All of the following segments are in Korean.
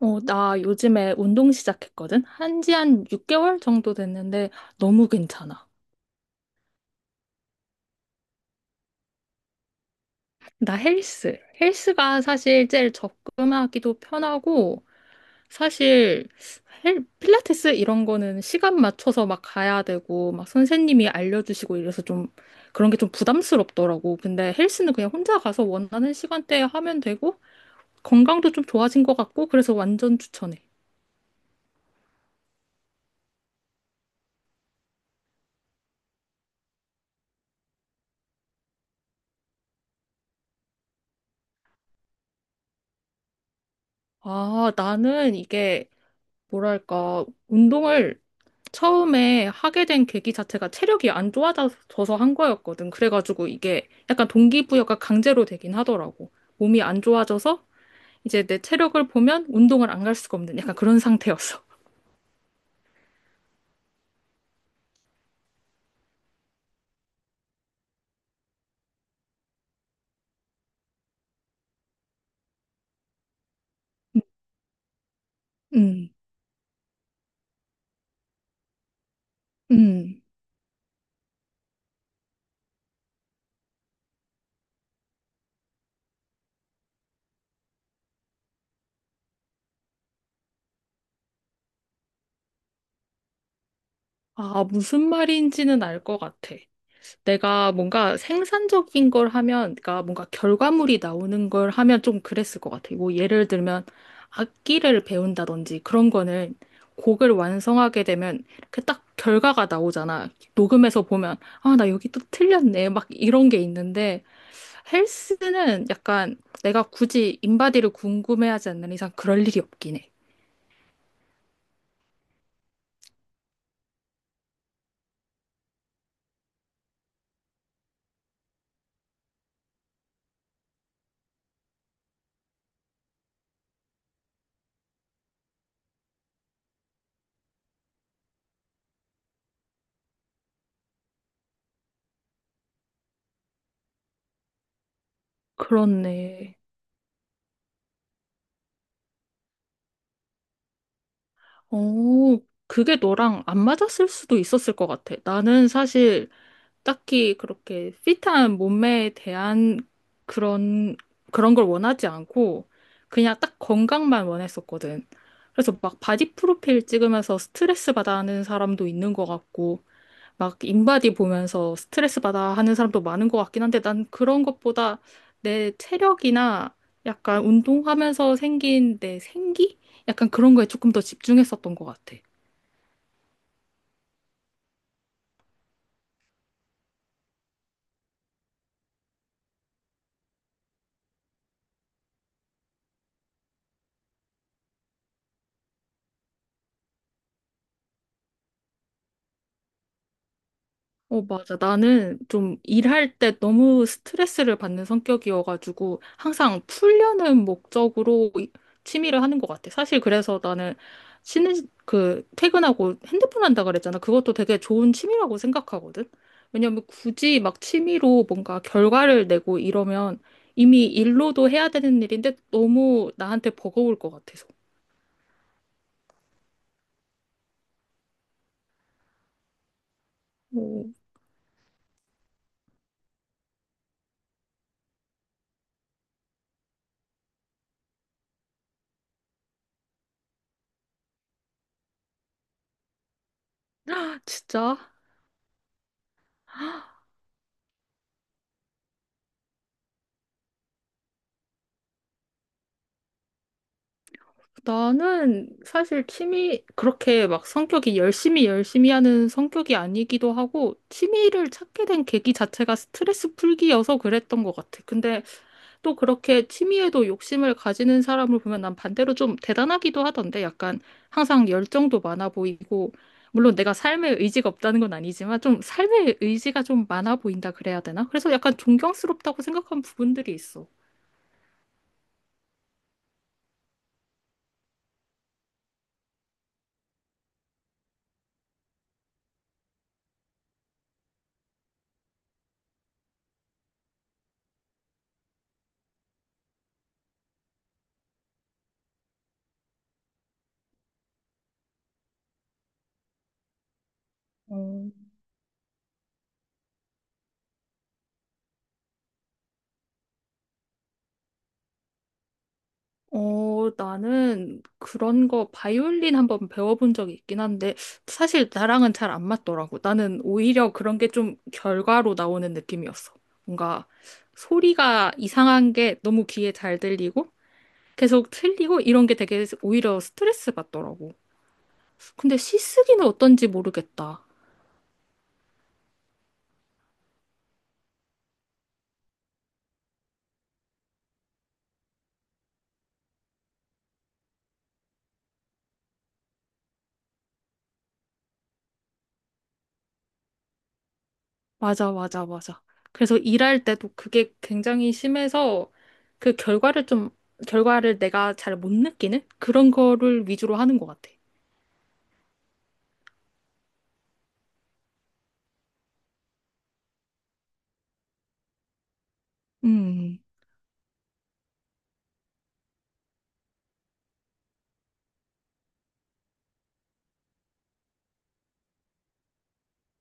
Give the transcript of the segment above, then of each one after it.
나 요즘에 운동 시작했거든? 한지 한 6개월 정도 됐는데 너무 괜찮아. 나 헬스. 헬스가 사실 제일 접근하기도 편하고, 사실 필라테스 이런 거는 시간 맞춰서 막 가야 되고, 막 선생님이 알려주시고 이래서 좀 그런 게 좀 부담스럽더라고. 근데 헬스는 그냥 혼자 가서 원하는 시간대에 하면 되고, 건강도 좀 좋아진 것 같고, 그래서 완전 추천해. 아, 나는 이게 뭐랄까, 운동을 처음에 하게 된 계기 자체가 체력이 안 좋아져서 한 거였거든. 그래가지고 이게 약간 동기부여가 강제로 되긴 하더라고. 몸이 안 좋아져서 이제 내 체력을 보면 운동을 안 갈 수가 없는 약간 그런 상태였어. 음, 음. 아, 무슨 말인지는 알 것 같아. 내가 뭔가 생산적인 걸 하면, 그러니까 뭔가 결과물이 나오는 걸 하면 좀 그랬을 것 같아. 뭐 예를 들면 악기를 배운다든지 그런 거는 곡을 완성하게 되면 그 딱 결과가 나오잖아. 녹음해서 보면, 아, 나 여기 또 틀렸네. 막 이런 게 있는데 헬스는 약간 내가 굳이 인바디를 궁금해하지 않는 이상 그럴 일이 없긴 해. 그렇네. 어, 그게 너랑 안 맞았을 수도 있었을 것 같아. 나는 사실 딱히 그렇게 핏한 몸매에 대한 그런, 그런 걸 원하지 않고 그냥 딱 건강만 원했었거든. 그래서 막 바디 프로필 찍으면서 스트레스 받아 하는 사람도 있는 것 같고, 막 인바디 보면서 스트레스 받아 하는 사람도 많은 것 같긴 한데, 난 그런 것보다 내 체력이나 약간 운동하면서 생긴 내 생기? 약간 그런 거에 조금 더 집중했었던 것 같아. 어, 맞아. 나는 좀 일할 때 너무 스트레스를 받는 성격이어가지고 항상 풀려는 목적으로 취미를 하는 것 같아. 사실 그래서 나는 퇴근하고 핸드폰 한다 그랬잖아. 그것도 되게 좋은 취미라고 생각하거든. 왜냐면 굳이 막 취미로 뭔가 결과를 내고 이러면 이미 일로도 해야 되는 일인데 너무 나한테 버거울 것 같아서. 오, 진짜? 나는 사실 취미, 그렇게 막 성격이 열심히 열심히 하는 성격이 아니기도 하고, 취미를 찾게 된 계기 자체가 스트레스 풀기여서 그랬던 것 같아. 근데 또 그렇게 취미에도 욕심을 가지는 사람을 보면 난 반대로 좀 대단하기도 하던데, 약간 항상 열정도 많아 보이고, 물론 내가 삶에 의지가 없다는 건 아니지만, 좀 삶에 의지가 좀 많아 보인다 그래야 되나? 그래서 약간 존경스럽다고 생각한 부분들이 있어. 나는 그런 거 바이올린 한번 배워본 적이 있긴 한데 사실 나랑은 잘 안 맞더라고. 나는 오히려 그런 게 좀 결과로 나오는 느낌이었어. 뭔가 소리가 이상한 게 너무 귀에 잘 들리고 계속 틀리고 이런 게 되게 오히려 스트레스 받더라고. 근데 시쓰기는 어떤지 모르겠다. 맞아, 맞아, 맞아. 그래서 일할 때도 그게 굉장히 심해서 그 결과를 내가 잘 못 느끼는 그런 거를 위주로 하는 것 같아. 음,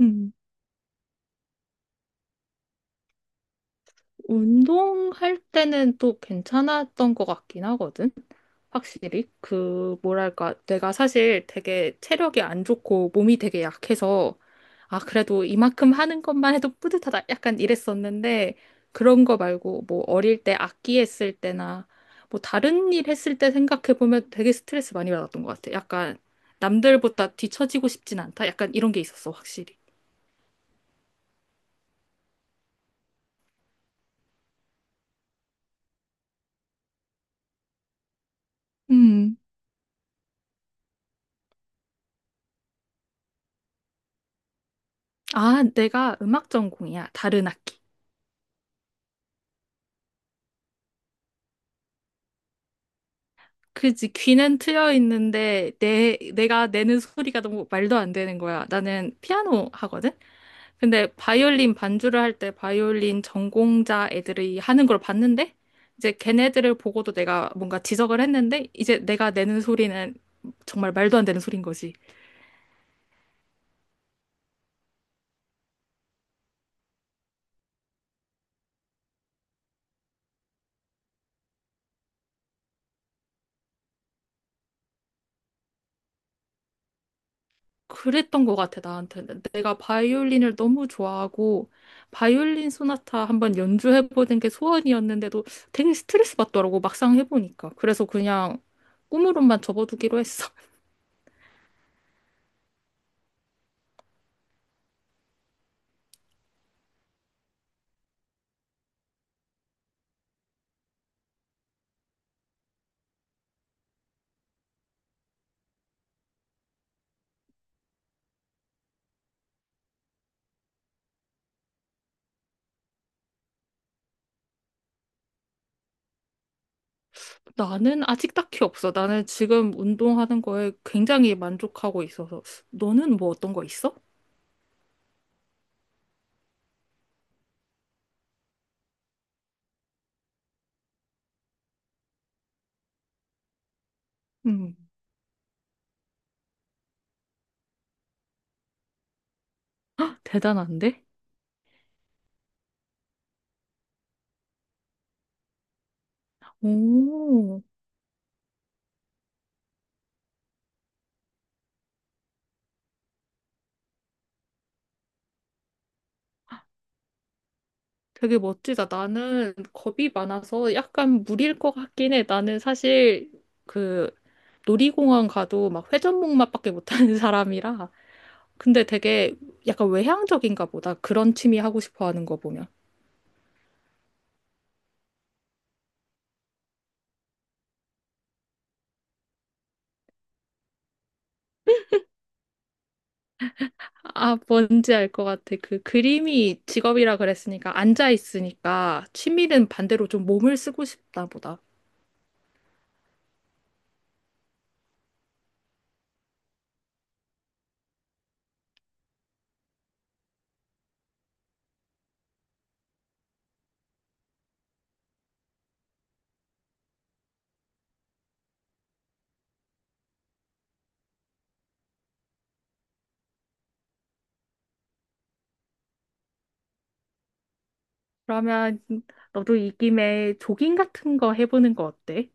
음. 운동할 때는 또 괜찮았던 것 같긴 하거든. 확실히. 그, 뭐랄까. 내가 사실 되게 체력이 안 좋고 몸이 되게 약해서 아, 그래도 이만큼 하는 것만 해도 뿌듯하다. 약간 이랬었는데, 그런 거 말고, 뭐, 어릴 때 악기 했을 때나, 뭐, 다른 일 했을 때 생각해보면 되게 스트레스 많이 받았던 것 같아. 약간, 남들보다 뒤처지고 싶진 않다. 약간 이런 게 있었어, 확실히. 음. 아, 내가 음악 전공이야. 다른 악기. 그지. 귀는 트여 있는데, 내가 내는 소리가 너무 말도 안 되는 거야. 나는 피아노 하거든? 근데 바이올린 반주를 할 때 바이올린 전공자 애들이 하는 걸 봤는데 이제 걔네들을 보고도 내가 뭔가 지적을 했는데 이제 내가 내는 소리는 정말 말도 안 되는 소린 거지. 그랬던 것 같아 나한테. 내가 바이올린을 너무 좋아하고 바이올린 소나타 한번 연주해보는 게 소원이었는데도 되게 스트레스 받더라고 막상 해보니까. 그래서 그냥 꿈으로만 접어두기로 했어. 나는 아직 딱히 없어. 나는 지금 운동하는 거에 굉장히 만족하고 있어서. 너는 뭐 어떤 거 있어? 음, 대단한데? 오, 되게 멋지다. 나는 겁이 많아서 약간 무리일 것 같긴 해. 나는 사실 그 놀이공원 가도 막 회전목마밖에 못하는 사람이라. 근데 되게 약간 외향적인가 보다. 그런 취미 하고 싶어 하는 거 보면. 아, 뭔지 알 것 같아. 그 그림이 직업이라 그랬으니까 앉아 있으니까 취미는 반대로 좀 몸을 쓰고 싶다 보다. 그러면 너도 이 김에 조깅 같은 거 해보는 거 어때?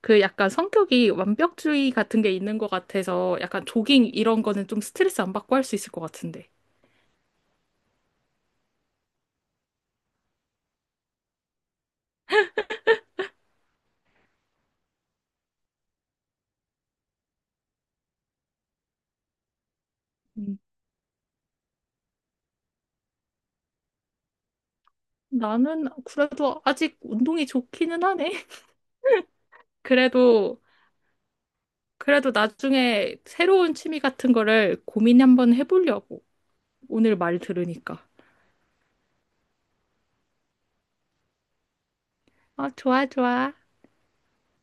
그 약간 성격이 완벽주의 같은 게 있는 것 같아서 약간 조깅 이런 거는 좀 스트레스 안 받고 할 수 있을 것 같은데. 음. 나는 그래도 아직 운동이 좋기는 하네. 그래도 나중에 새로운 취미 같은 거를 고민 한번 해보려고. 오늘 말 들으니까. 어, 좋아, 좋아.